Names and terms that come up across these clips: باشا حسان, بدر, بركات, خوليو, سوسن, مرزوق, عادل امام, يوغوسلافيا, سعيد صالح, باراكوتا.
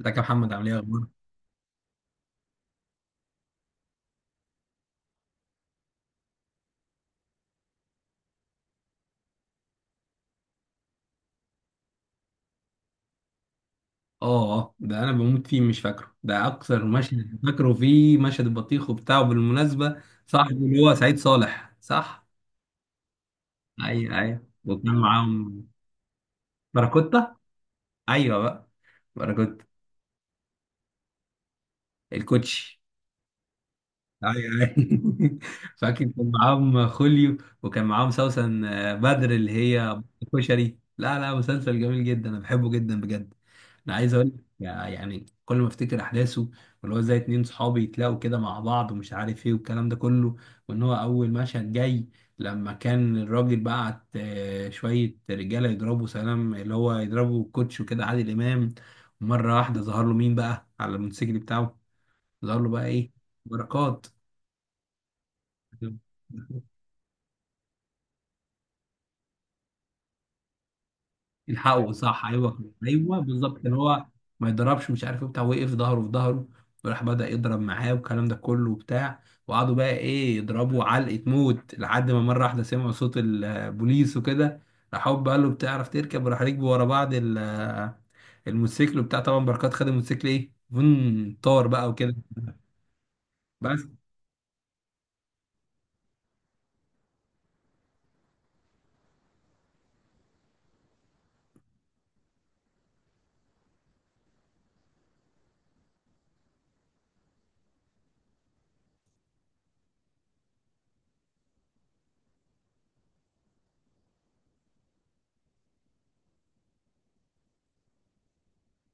ازيك يا محمد؟ عامل ايه؟ اخبارك؟ اه، ده انا بموت فيه، مش فاكره. ده اكثر مشهد فاكره فيه مشهد البطيخ وبتاعه. بالمناسبة صاحبه اللي هو سعيد صالح، صح؟ ايوه ايوه، وكان معاهم باراكوتا. ايوه بقى. باراكوتا الكوتشي. ايوه ايوه فاكر كان معاهم خوليو، وكان معاهم سوسن بدر اللي هي كشري. لا لا، مسلسل جميل جدا، انا بحبه جدا بجد. انا عايز اقول لك، يعني كل ما افتكر احداثه، واللي هو ازاي اتنين صحابي يتلاقوا كده مع بعض ومش عارف ايه والكلام ده كله. وان هو اول مشهد جاي لما كان الراجل بعت شويه رجاله يضربوا سلام اللي هو، يضربوا كوتش وكده عادل امام. مره واحده ظهر له مين بقى على الموتوسيكل بتاعه؟ ظهر له بقى ايه؟ بركات. الحقه، صح، ايوه ايوه بالظبط. كان هو ما يضربش مش عارف ايه بتاع، وقف ظهره في ظهره، وراح بدأ يضرب معاه والكلام ده كله وبتاع، وقعدوا بقى ايه، يضربوا علقة موت لحد ما مرة واحدة سمعوا صوت البوليس وكده. راح هوب قال له بتعرف تركب، وراح ركبوا ورا بعض الموتوسيكل وبتاع. طبعا بركات خد الموتوسيكل ايه، فن، طار بقى وكده. بس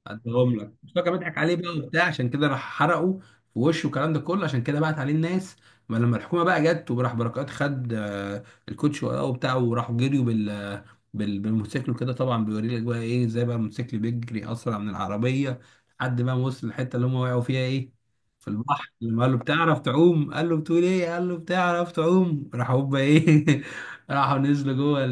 عدهم لك، بس هو كان بيضحك عليه بقى وبتاع، عشان كده راح حرقه في وشه والكلام ده كله، عشان كده بعت عليه الناس. ما لما الحكومه بقى جت، وراح بركات خد الكوتش وراه وبتاع، وراحوا جريوا بالموتوسيكل وكده. طبعا بيوري لك بقى ايه، ازاي بقى الموتوسيكل بيجري اسرع من العربيه، لحد ما وصل الحته اللي هم وقعوا فيها ايه، في البحر. لما قال له بتعرف تعوم؟ قال له بتقول ايه؟ قال له بتعرف تعوم؟ راح هوبا ايه راحوا نزلوا جوه،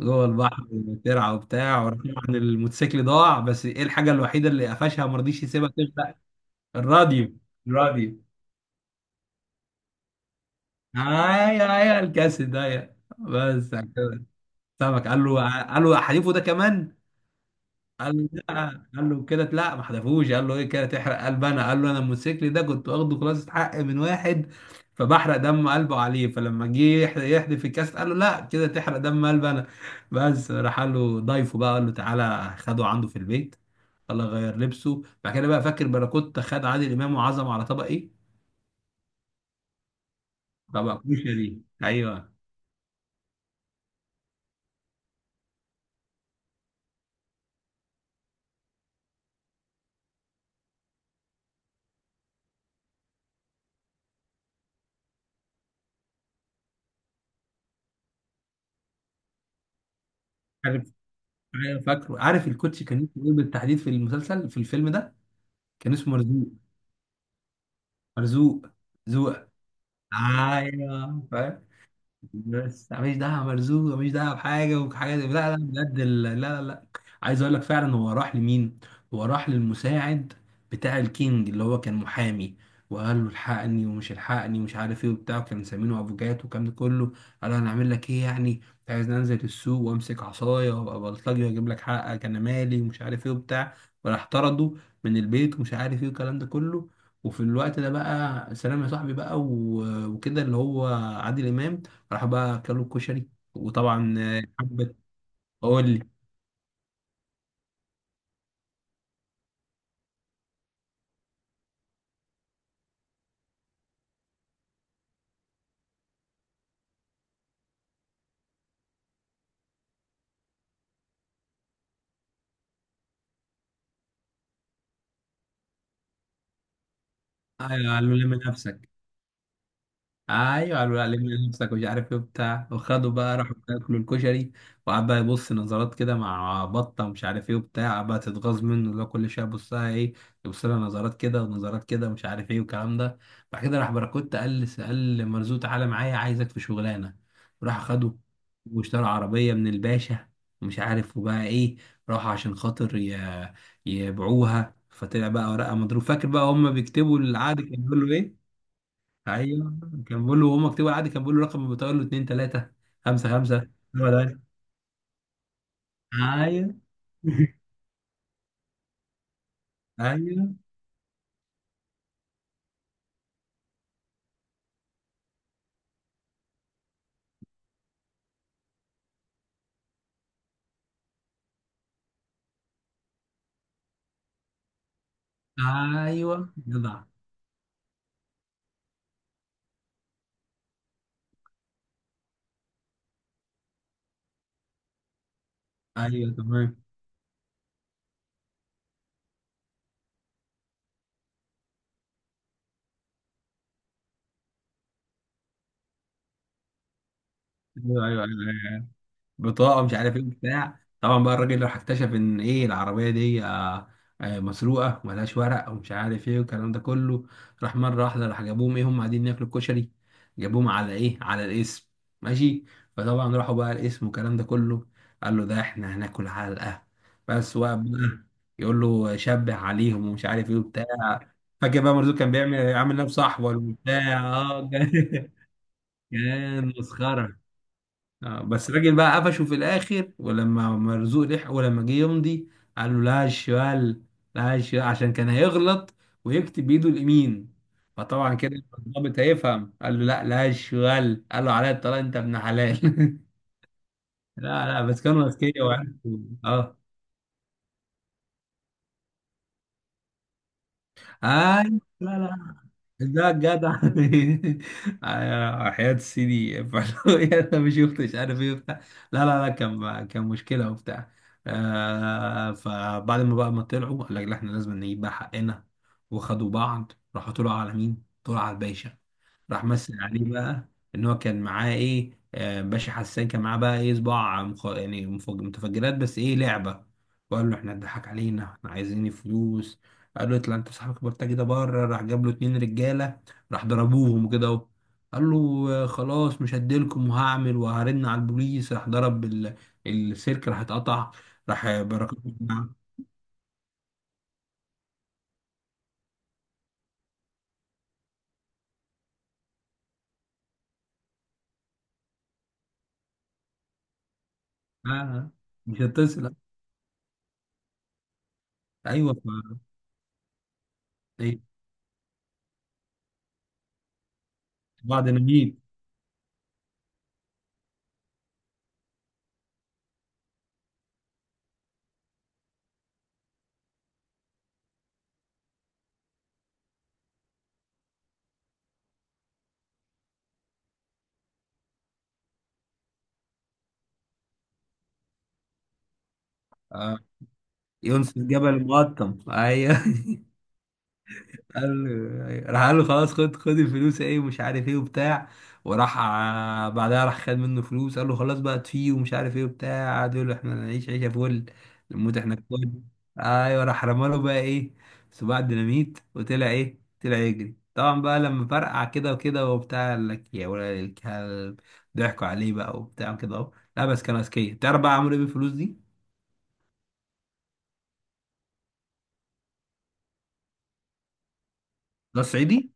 جوه البحر. ترعى وبتاع، وراح طبعا الموتوسيكل ضاع، بس ايه، الحاجه الوحيده اللي قفشها، ما رضيش يسيبها تغرق، الراديو. الراديو، ايوه ايوه الكاسيت ده، بس على كده. سمك، قال له حليفه ده كمان. قال لا، قال له كده لا ما حذفوش، قال له ايه كده تحرق قلب انا، قال له انا الموتوسيكل ده كنت واخده خلاص حق من واحد فبحرق دم قلبه عليه. فلما جه يحدف الكاس قال له لا كده تحرق دم قلب انا. بس راح قال له ضيفه بقى، قال له تعالى خده عنده في البيت. الله غير لبسه بعد كده بقى. فاكر باراكوتا خد عادل امام وعزم على طبق ايه؟ طبق كشري. ايوه عارف، ايوه فاكره عارف. الكوتش كان اسمه ايه بالتحديد في المسلسل، في الفيلم ده؟ كان اسمه مرزوق. مرزوق زوق. ايوه فاهم. بس ماليش دعوه مرزوق، ماليش دعوه بحاجه وحاجه دي. لا لا بجد، لا لا لا. عايز اقول لك فعلا، هو راح لمين؟ هو راح للمساعد بتاع الكينج اللي هو كان محامي، وقال له الحقني ومش الحقني ومش عارف ايه وبتاع. كان مسمينه ابو جات والكلام ده كله. قال له انا اعمل لك ايه يعني؟ انت عايز انزل السوق وامسك عصايه وابقى بلطجي واجيب لك حقك؟ انا مالي ومش عارف ايه وبتاع. وراح طرده من البيت ومش عارف ايه والكلام ده كله. وفي الوقت ده بقى سلام يا صاحبي بقى وكده، اللي هو عادل امام، راح بقى اكلوا الكشري. وطبعا حبه. اقول لي. قالوا لم نفسك. ايوه قالوا علمنا نفسك ومش عارف ايه وبتاع. وخدوا بقى راحوا ياكلوا الكشري، وقعد بقى يبص نظرات كده مع بطه ومش عارف ايه وبتاع. قعد بقى تتغاظ منه، اللي هو كل شويه يبص لها ايه، يبص لها نظرات كده ونظرات كده ومش عارف ايه والكلام ده. بعد كده راح باراكوت قال مرزوق تعالى معايا عايزك في شغلانه، وراح خده واشترى عربيه من الباشا ومش عارف وبقى ايه. راح عشان خاطر يبيعوها. فطلع بقى ورقه مضروب. فاكر بقى هم بيكتبوا العقد، كان بيقولوا ايه؟ ايوه. كان بيقول له وهو مكتوب عادي، كان بيقول له رقم، بتقول له 2 3 5 5. هو ده، ايوه ايوه ايوه جدع، ايوه تمام، ايوه ايوه ايوه بطاقه مش عارف ايه بتاع. طبعا بقى الراجل راح اكتشف ان ايه، العربيه دي مسروقه وملهاش ورق ومش عارف ايه والكلام ده كله. راح مره واحده راح جابوهم ايه، هم قاعدين ياكلوا الكشري. جابوهم على ايه، على الاسم. ماشي. فطبعا راحوا بقى الاسم والكلام ده كله. قال له ده احنا هناكل علقه، بس وقف بقى يقول له شبه عليهم ومش عارف ايه وبتاع. فاكر بقى مرزوق كان بيعمل عامل نفسه صاحبه وبتاع، اه كان مسخره. بس الراجل بقى قفشه في الاخر، ولما مرزوق لحقه، ولما جه يمضي قال له لا الشمال، لا الشمال، عشان كان هيغلط ويكتب بايده اليمين، فطبعا كده الضابط هيفهم. قال له لا لا الشمال. قال له عليا الطلاق انت ابن حلال لا لا، بس كانوا اذكياء وعرفوا. اه اي، لا لا ده جدع على حياة سيدي فلوية، انا مش يخت مش عارف ايه وبتاع. لا لا لا، كان مشكلة وبتاع. فبعد ما بقى ما طلعوا قال لك لا احنا لازم نجيب بقى حقنا. وخدوا بعض راحوا طلعوا على مين؟ طلعوا على الباشا. راح مثل عليه بقى ان هو كان معاه ايه، باشا حسان، كان معاه بقى ايه، صباع يعني متفجرات، بس ايه، لعبة. وقال له احنا اتضحك علينا، احنا عايزين فلوس. قال له اطلع انت صاحبك البلطجي ده بره. راح جاب له اتنين رجاله، راح ضربوهم كده اهو. قال له خلاص مش هديلكم، وهعمل وهرن على البوليس. راح ضرب السلك، راح اتقطع. راح بركات الجماعة. آه آه، مش هتصل. ايوه إيه، بعد نميل آه يونس الجبل المقطم. ايوه، قال له، راح قال له خلاص، خد الفلوس ايه ومش عارف ايه وبتاع. وراح بعدها راح خد منه فلوس، قال له خلاص بقى تفيه ومش عارف ايه وبتاع. قعد يقول له احنا هنعيش عيشه فل، نموت احنا كل. ايوه، راح رمى له بقى ايه، صباع ديناميت، وطلع ايه، طلع يجري. طبعا بقى لما فرقع كده وكده وبتاع، قال لك يا ولد الكلب، ضحكوا عليه بقى وبتاع كده اهو. لا بس كان اذكياء. تعرف بقى عملوا ايه بالفلوس دي؟ ده الصعيدي.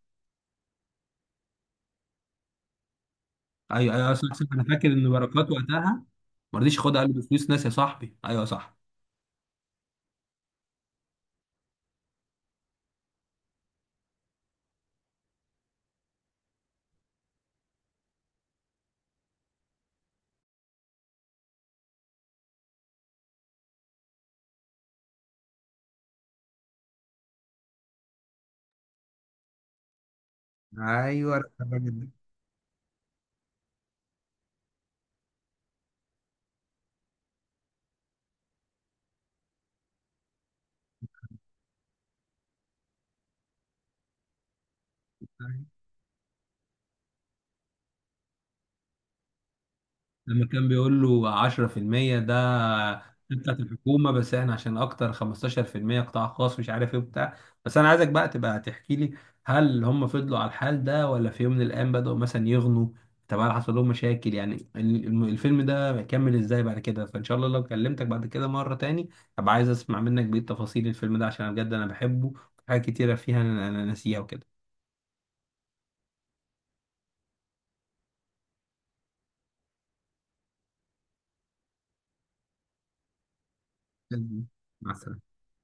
ايوه ايوه، أصل انا فاكر ان بركات وقتها ما رضيش ياخدها، قال له دي فلوس ناس يا صاحبي، ايوه صح. ايوه الراجل ده. أيوة. لما كان بيقول له 10% ده بتاعت الحكومه، بس احنا عشان اكتر 15% قطاع خاص مش عارف ايه وبتاع. بس انا عايزك بقى تبقى تحكي لي، هل هم فضلوا على الحال ده، ولا في يوم من الايام بدأوا مثلا يغنوا؟ طب هل حصل لهم مشاكل؟ يعني الفيلم ده كمل ازاي بعد كده؟ فان شاء الله لو كلمتك بعد كده مره تاني، ابقى عايز اسمع منك بقيه تفاصيل الفيلم ده، عشان أنا بجد انا بحبه. حاجات كتيره فيها انا ناسيها وكده. مع السلامة.